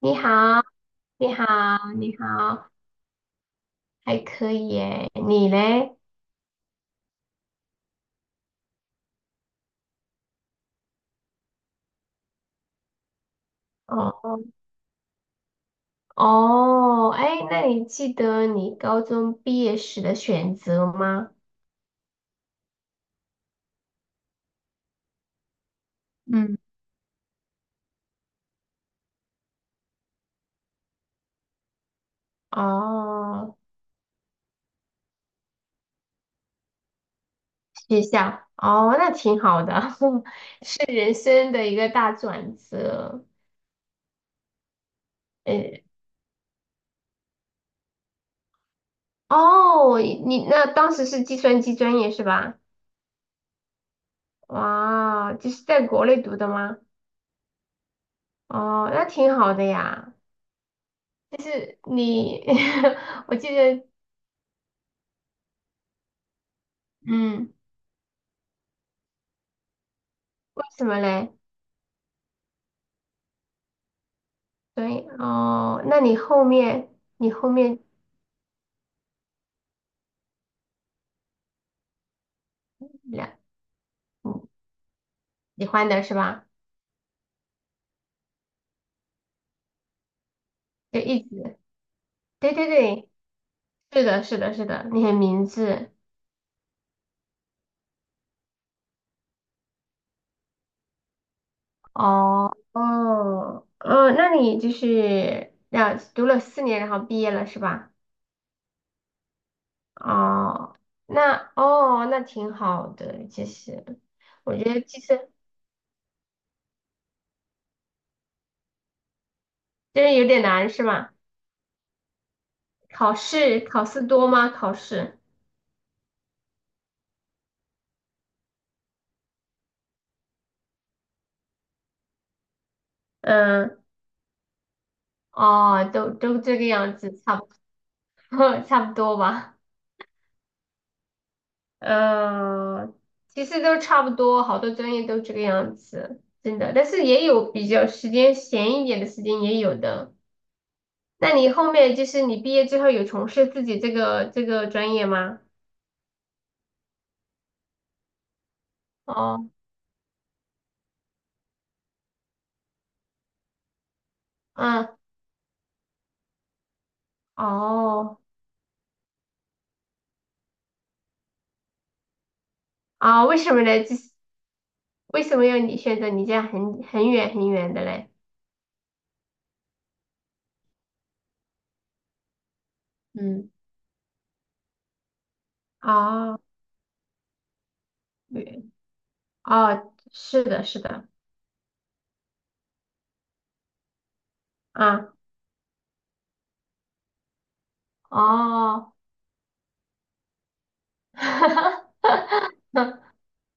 你好，你好，你好。还可以耶。你嘞？哦哦，哦，哎，那你记得你高中毕业时的选择吗？嗯。哦，学校，哦，那挺好的。是人生的一个大转折。呃，哦，你那当时是计算机专业是吧？哇，就是在国内读的吗？哦，那挺好的呀。就是你，我记得。嗯。为什么嘞？对，哦，那你后面你后面两嗯喜欢的是吧？就一直。对对对，是的，是的，是的，你很明智。哦哦哦，那你就是那读了4年，然后毕业了是吧？哦，那挺好的。其实我觉得其实就是有点难是吧？考试多吗？考试？嗯。哦，都这个样子。差不 差不多吧。呃，其实都差不多，好多专业都这个样子，真的。但是也有比较时间闲一点的时间，也有的。那你后面就是你毕业之后有从事自己这个专业吗？哦，嗯，哦，啊，为什么呢？就是为什么要你选择你这样很远很远的嘞？嗯，哦，远，哦，是的，是的，啊，哦。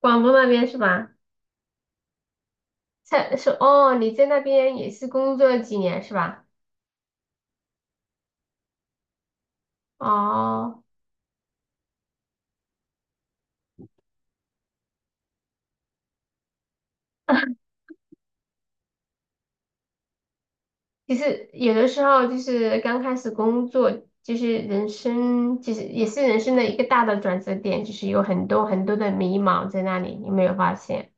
广东那边是吧？是哦。你在那边也是工作了几年是吧？哦，其实有的时候就是刚开始工作，就是人生，就是也是人生的一个大的转折点，就是有很多很多的迷茫在那里，你有没有发现？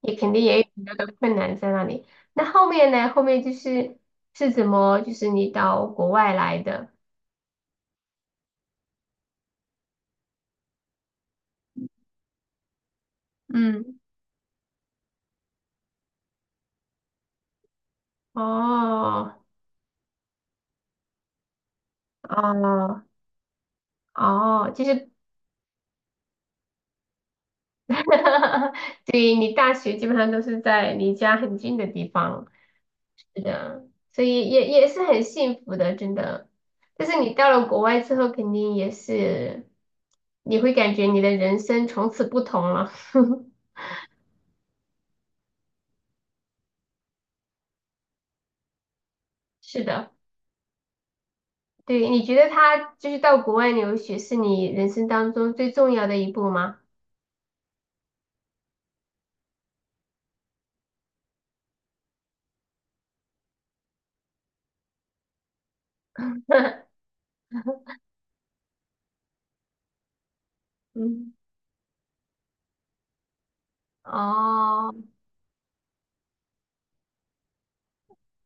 也肯定也有很多的困难在那里。那后面呢？后面就是是怎么，就是你到国外来的？嗯，哦，哦，哦，就是 哈哈。对，你大学基本上都是在离家很近的地方，是的，所以也是很幸福的，真的。但是你到了国外之后，肯定也是，你会感觉你的人生从此不同了。是的。对，你觉得他就是到国外留学是你人生当中最重要的一步吗？嗯，哦。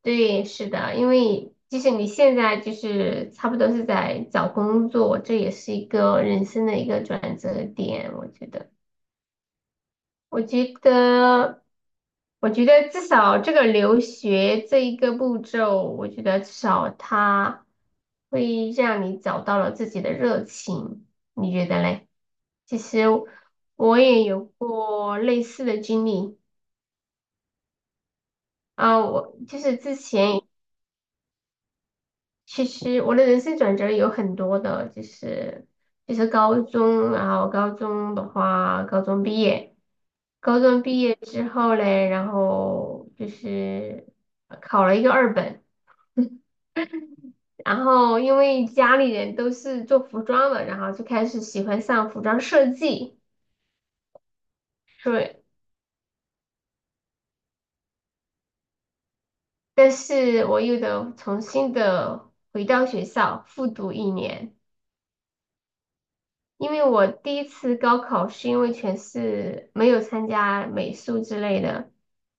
对，是的，因为即使你现在就是差不多是在找工作，这也是一个人生的一个转折点，我觉得，我觉得，至少这个留学这一个步骤，我觉得至少它会让你找到了自己的热情，你觉得嘞？其实我也有过类似的经历。啊，我就是之前。其实我的人生转折有很多的，就是高中，然后高中的话，高中毕业，高中毕业之后嘞，然后就是考了一个二本。然后因为家里人都是做服装的，然后就开始喜欢上服装设计。对。但是我又得重新的回到学校复读1年。因为我第一次高考是因为全市没有参加美术之类的，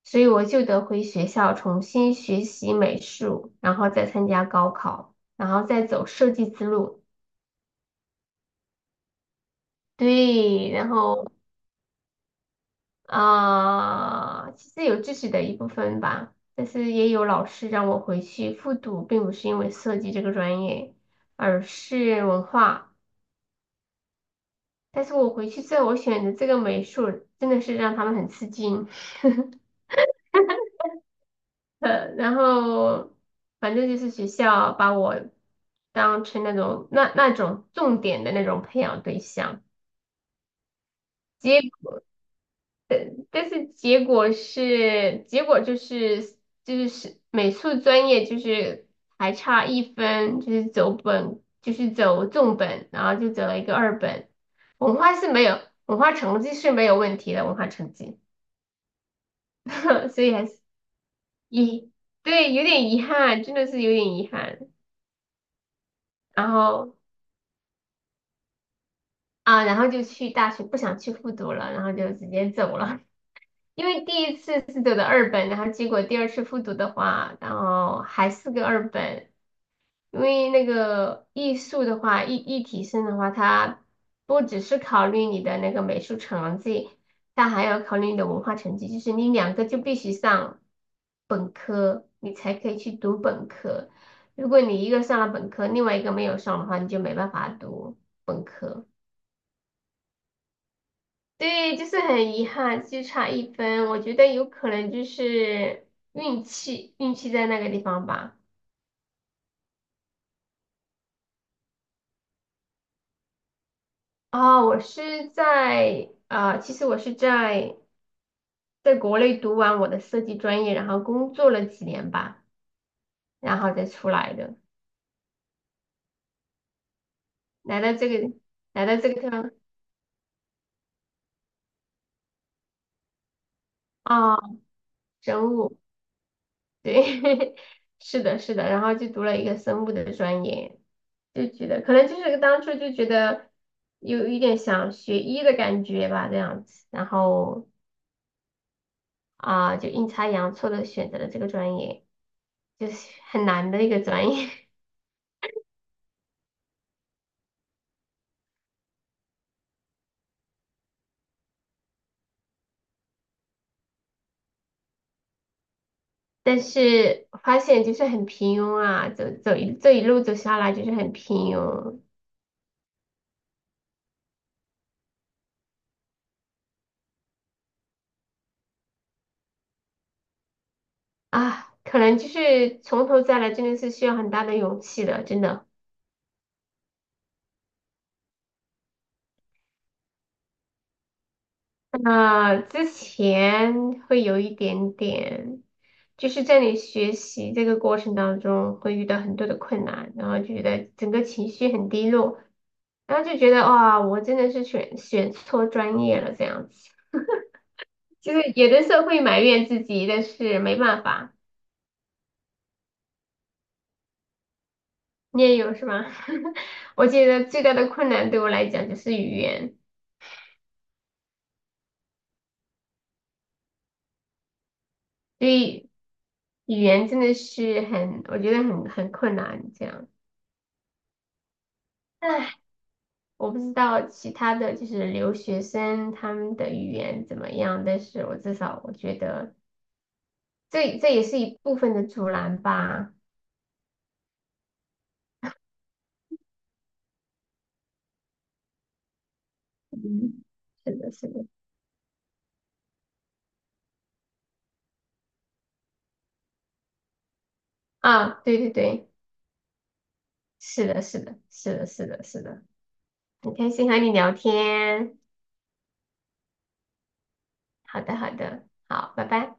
所以我就得回学校重新学习美术，然后再参加高考，然后再走设计之路。对，然后其实有自己的一部分吧，但是也有老师让我回去复读，并不是因为设计这个专业，而是文化。但是我回去之后，我选的这个美术真的是让他们很吃惊。然后反正就是学校把我当成那种那种重点的那种培养对象。结但是结果是美术专业还差一分，就是走本就是走重本，然后就走了一个二本。文化是没有文化成绩是没有问题的。文化成绩。所以还是遗对，有点遗憾，真的是有点遗憾。然后。啊，然后就去大学，不想去复读了，然后就直接走了。因为第一次是走的二本，然后结果第二次复读的话，然后还是个二本。因为那个艺术的话，艺体生的话，它不只是考虑你的那个美术成绩，它还要考虑你的文化成绩，就是你两个就必须上本科，你才可以去读本科。如果你一个上了本科，另外一个没有上的话，你就没办法读本科。对，就是很遗憾，就差一分。我觉得有可能就是运气，运气在那个地方吧。啊、我是在啊、呃其实我是在国内读完我的设计专业，然后工作了几年吧，然后再出来的。来到这个地方。啊、生物。对。是的，是的，然后就读了一个生物的专业。就觉得可能就是当初就觉得有一点想学医的感觉吧，这样子。然后就阴差阳错的选择了这个专业，就是很难的一个专业。但是发现就是很平庸啊。走走一这一路走下来就是很平庸啊。可能就是从头再来真的是需要很大的勇气的，真的。那之前会有一点点，就是在你学习这个过程当中会遇到很多的困难，然后就觉得整个情绪很低落，然后就觉得哇，我真的是选错专业了这样子。就是有的时候会埋怨自己，但是没办法。你也有是吗？我觉得最大的困难对我来讲就是语言。所以语言真的是很，我觉得很困难这样。唉，我不知道其他的就是留学生他们的语言怎么样，但是我至少我觉得这也是一部分的阻拦吧。嗯，是的，是的，啊，对对对，是的，是的，是的，是的，是的，很开心和你聊天。好的，好的，好，拜拜。